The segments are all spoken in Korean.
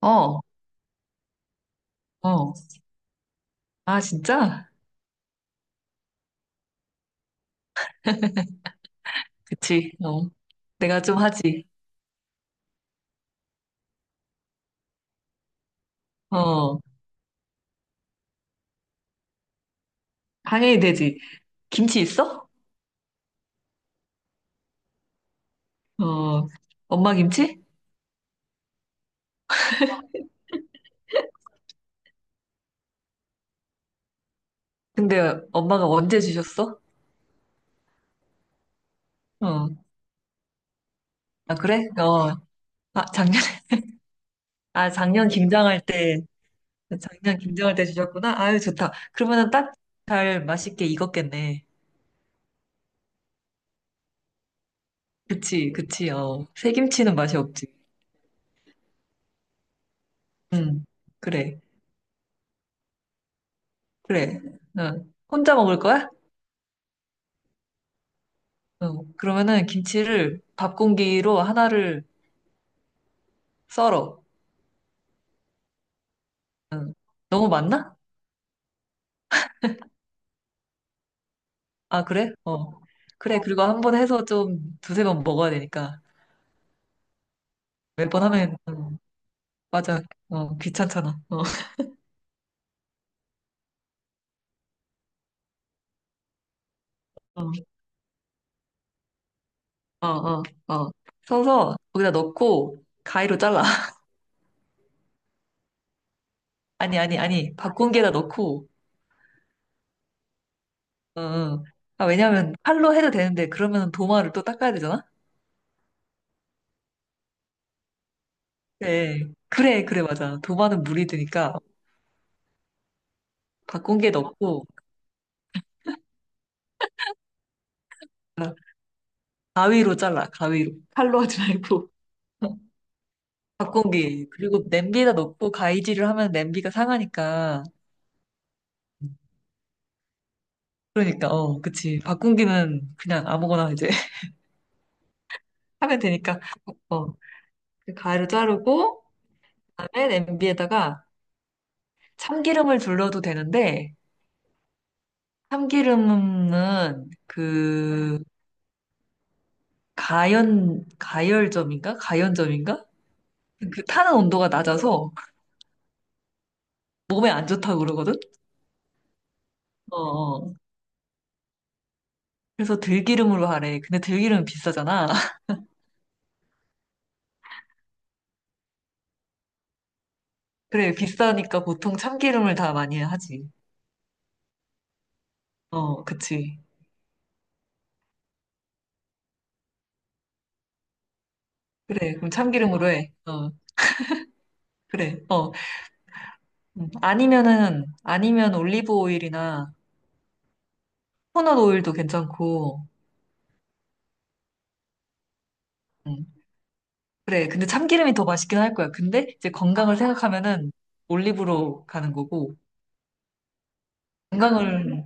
어, 어. 아, 진짜? 그치. 어. 내가 좀 하지. 어. 당연히 되지. 김치 있어? 어. 엄마 김치? 근데 엄마가 언제 주셨어? 어. 아, 그래? 어. 아, 작년에. 아, 작년 김장할 때, 작년 김장할 때 주셨구나? 아유, 좋다. 그러면은 딱 잘 맛있게 익었겠네. 그치, 그치, 어. 새김치는 맛이 없지. 응. 그래, 그래. 어. 혼자 먹을 거야? 어, 그러면은 김치를 밥 공기로 하나를 썰어. 너무 많나? 아, 그래? 어. 그래, 그리고 한번 해서 좀 두세 번 먹어야 되니까. 몇 번 하면, 어, 맞아. 어, 귀찮잖아. 어, 어, 어, 어. 어. 서서 거기다 넣고, 가위로 잘라. 아니, 아니, 아니. 밥 공기에다 넣고, 어, 어. 아, 왜냐면 칼로 해도 되는데, 그러면 도마를 또 닦아야 되잖아? 네. 그래, 그래, 맞아. 도마는 물이 드니까 밥 공기에 넣고, 아, 가위로 잘라, 가위로. 칼로 하지 말고. 밥고기. 그리고 냄비에다 넣고 가위질을 하면 냄비가 상하니까. 그러니까, 어, 그치. 밥고기는 그냥 아무거나 이제 하면 되니까. 어, 그 가위로 자르고, 그다음에 냄비에다가 참기름을 둘러도 되는데, 참기름은 그, 가열점인가? 가연점인가? 그 타는 온도가 낮아서 몸에 안 좋다고 그러거든? 어, 어. 그래서 들기름으로 하래. 근데 들기름은 비싸잖아. 그래, 비싸니까 보통 참기름을 다 많이 하지. 어, 그치. 그래, 그럼 참기름으로 해. 어, 그래. 어, 아니면은, 아니면 올리브 오일이나 코코넛 오일도 괜찮고, 음, 그래. 근데 참기름이 더 맛있긴 할 거야. 근데 이제 건강을 생각하면은 올리브로 가는 거고, 건강을,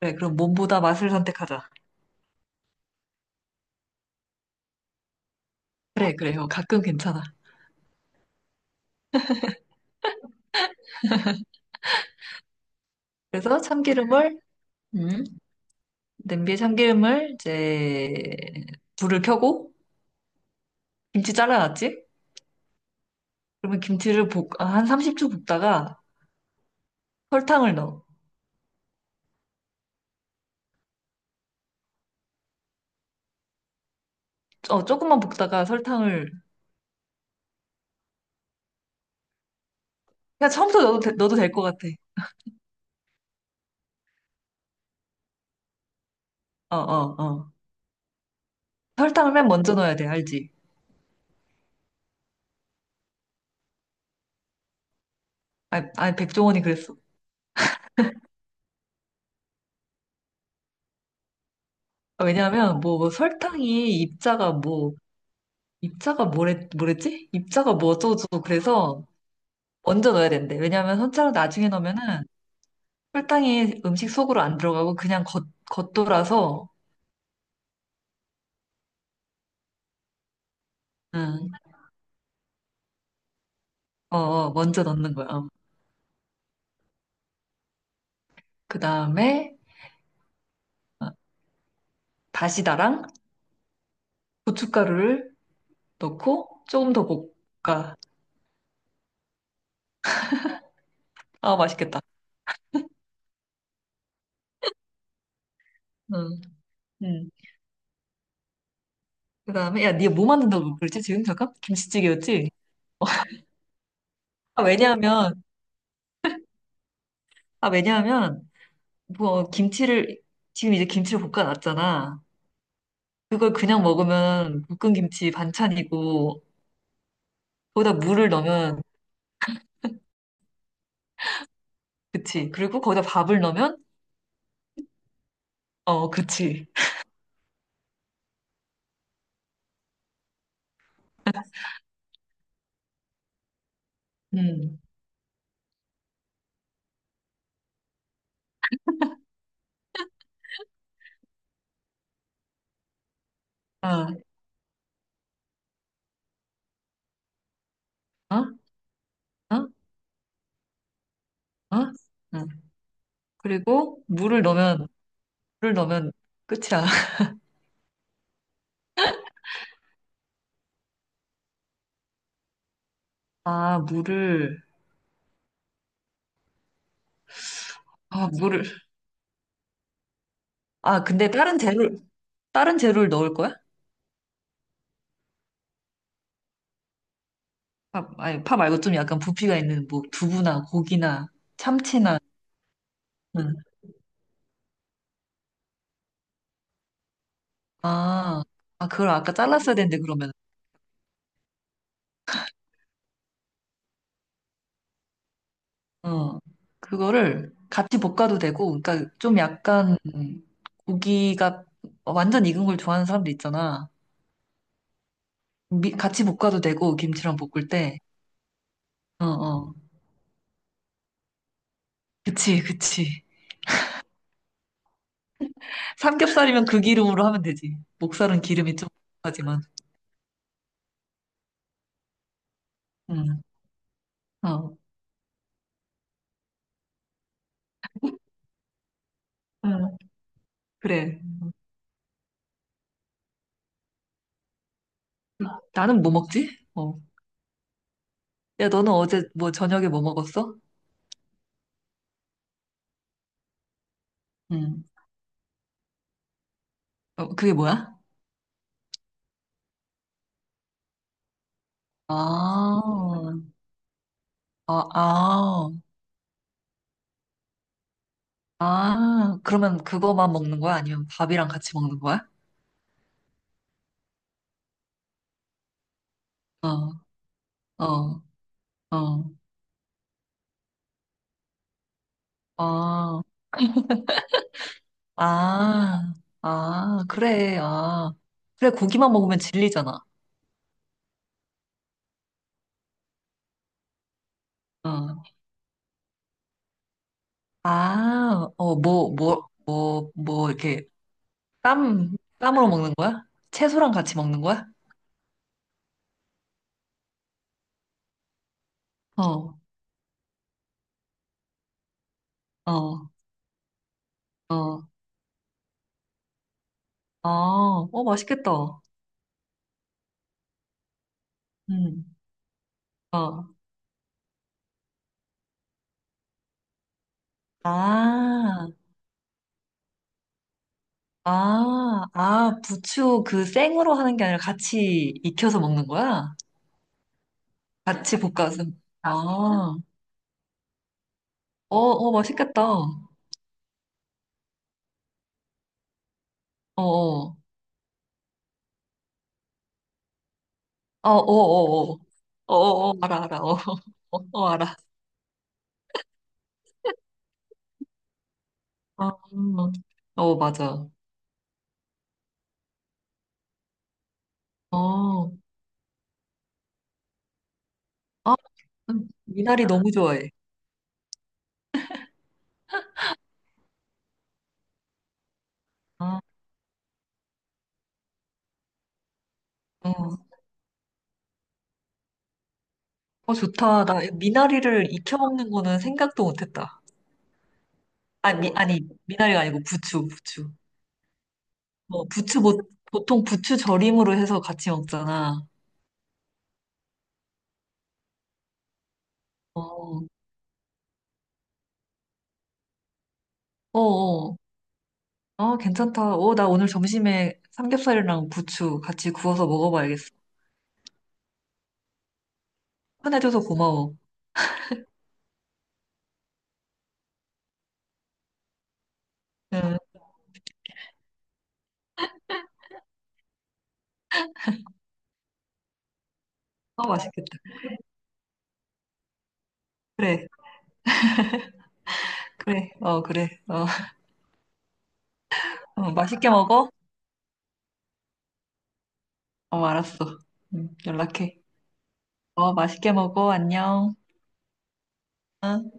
그래, 그럼 몸보다 맛을 선택하자. 그래, 그래. 어, 가끔 괜찮아. 그래서 참기름을, 음, 냄비에 참기름을 이제 불을 켜고, 김치 잘라놨지? 그러면 김치를 아, 한 30초 볶다가 설탕을 넣어. 어, 조금만 볶다가 설탕을, 그냥 처음부터 넣어도, 넣어도 될 것 같아. 어, 어, 어. 설탕을 맨 먼저 넣어야 돼, 알지? 아니, 아니, 백종원이 그랬어. 아, 왜냐하면 뭐 설탕이 입자가 뭐, 입자가 뭐래, 뭐랬지? 입자가 뭐 어쩌고저쩌고 그래서 먼저 넣어야 된대. 왜냐하면 설탕을 나중에 넣으면은 설탕이 음식 속으로 안 들어가고 그냥 겉돌아서, 응, 어, 어, 먼저 넣는 거야. 어. 그 다음에 어, 다시다랑 고춧가루를 넣고 조금 더 볶아. 아, 맛있겠다. 응, 응. 그 다음에, 야, 네가 뭐 만든다고 그랬지, 지금? 잠깐? 김치찌개였지? 아, 왜냐하면, 아, 왜냐하면, 뭐, 김치를, 지금 이제 김치를 볶아놨잖아. 그걸 그냥 먹으면 볶은 김치 반찬이고, 거기다 물을 넣으면, 그치. 그리고 거기다 밥을 넣으면, 어, 그치. 음, 아, 어? 어? 어? 응. 그리고 물을 넣으면, 물을 넣으면 끝이야. 아, 물을, 아, 물을. 아, 근데 다른 재료, 다른 재료를 넣을 거야? 파, 아니, 파 말고 좀 약간 부피가 있는 뭐 두부나 고기나 참치나. 응. 아, 아, 그걸 아까 잘랐어야 되는데 그러면. 어, 그거를 같이 볶아도 되고, 그러니까 좀 약간 고기가 완전 익은 걸 좋아하는 사람들 있잖아. 같이 볶아도 되고 김치랑 볶을 때. 어, 어. 그치, 그치. 삼겹살이면 그 기름으로 하면 되지. 목살은 기름이 좀 하지만. 응. 어. 응. 그래. 나는 뭐 먹지? 어. 야, 너는 어제 뭐 저녁에 뭐 먹었어? 응. 어, 그게 뭐야? 아, 아, 아, 아, 그러면 그거만 먹는 거야? 아니면 밥이랑 같이 먹는 거야? 어, 어, 어, 아, 아, 아, 그래, 아. 그래, 고기만 먹으면 질리잖아. 어, 아, 어, 뭐, 뭐, 뭐, 뭐, 이렇게 쌈, 쌈으로 먹는 거야? 채소랑 같이 먹는 거야? 어, 어, 어. 아, 어, 맛있겠다. 음. 어. 아, 아, 아, 부추 그 생으로 하는 게 아니라 같이 익혀서 먹는 거야? 같이 볶아서. 아, 어, 어, 맛있겠다. 어, 어, 아, 어, 어, 어, 어, 어, 어, 알아, 알아. 어, 어, 어, 알아. 어, 어, 어, 맞아. 어, 아, 미나리 너무 좋아해. 아, 어, 어, 좋다. 나 미나리를 익혀 먹는 거는 생각도 못 했다. 아니, 아니, 미나리가 아니고 부추, 부추. 어, 보통 부추 절임으로 해서 같이 먹잖아. 어, 어, 어. 아, 괜찮다. 어, 나 오늘 점심에 삼겹살이랑 부추 같이 구워서 먹어봐야겠어. 추천해줘서 고마워. 응, 어 맛있겠다. 그래, 그래, 어, 그래. 어, 어, 맛있게 먹어? 어, 알았어. 응, 연락해. 어, 맛있게 먹어. 안녕. 어.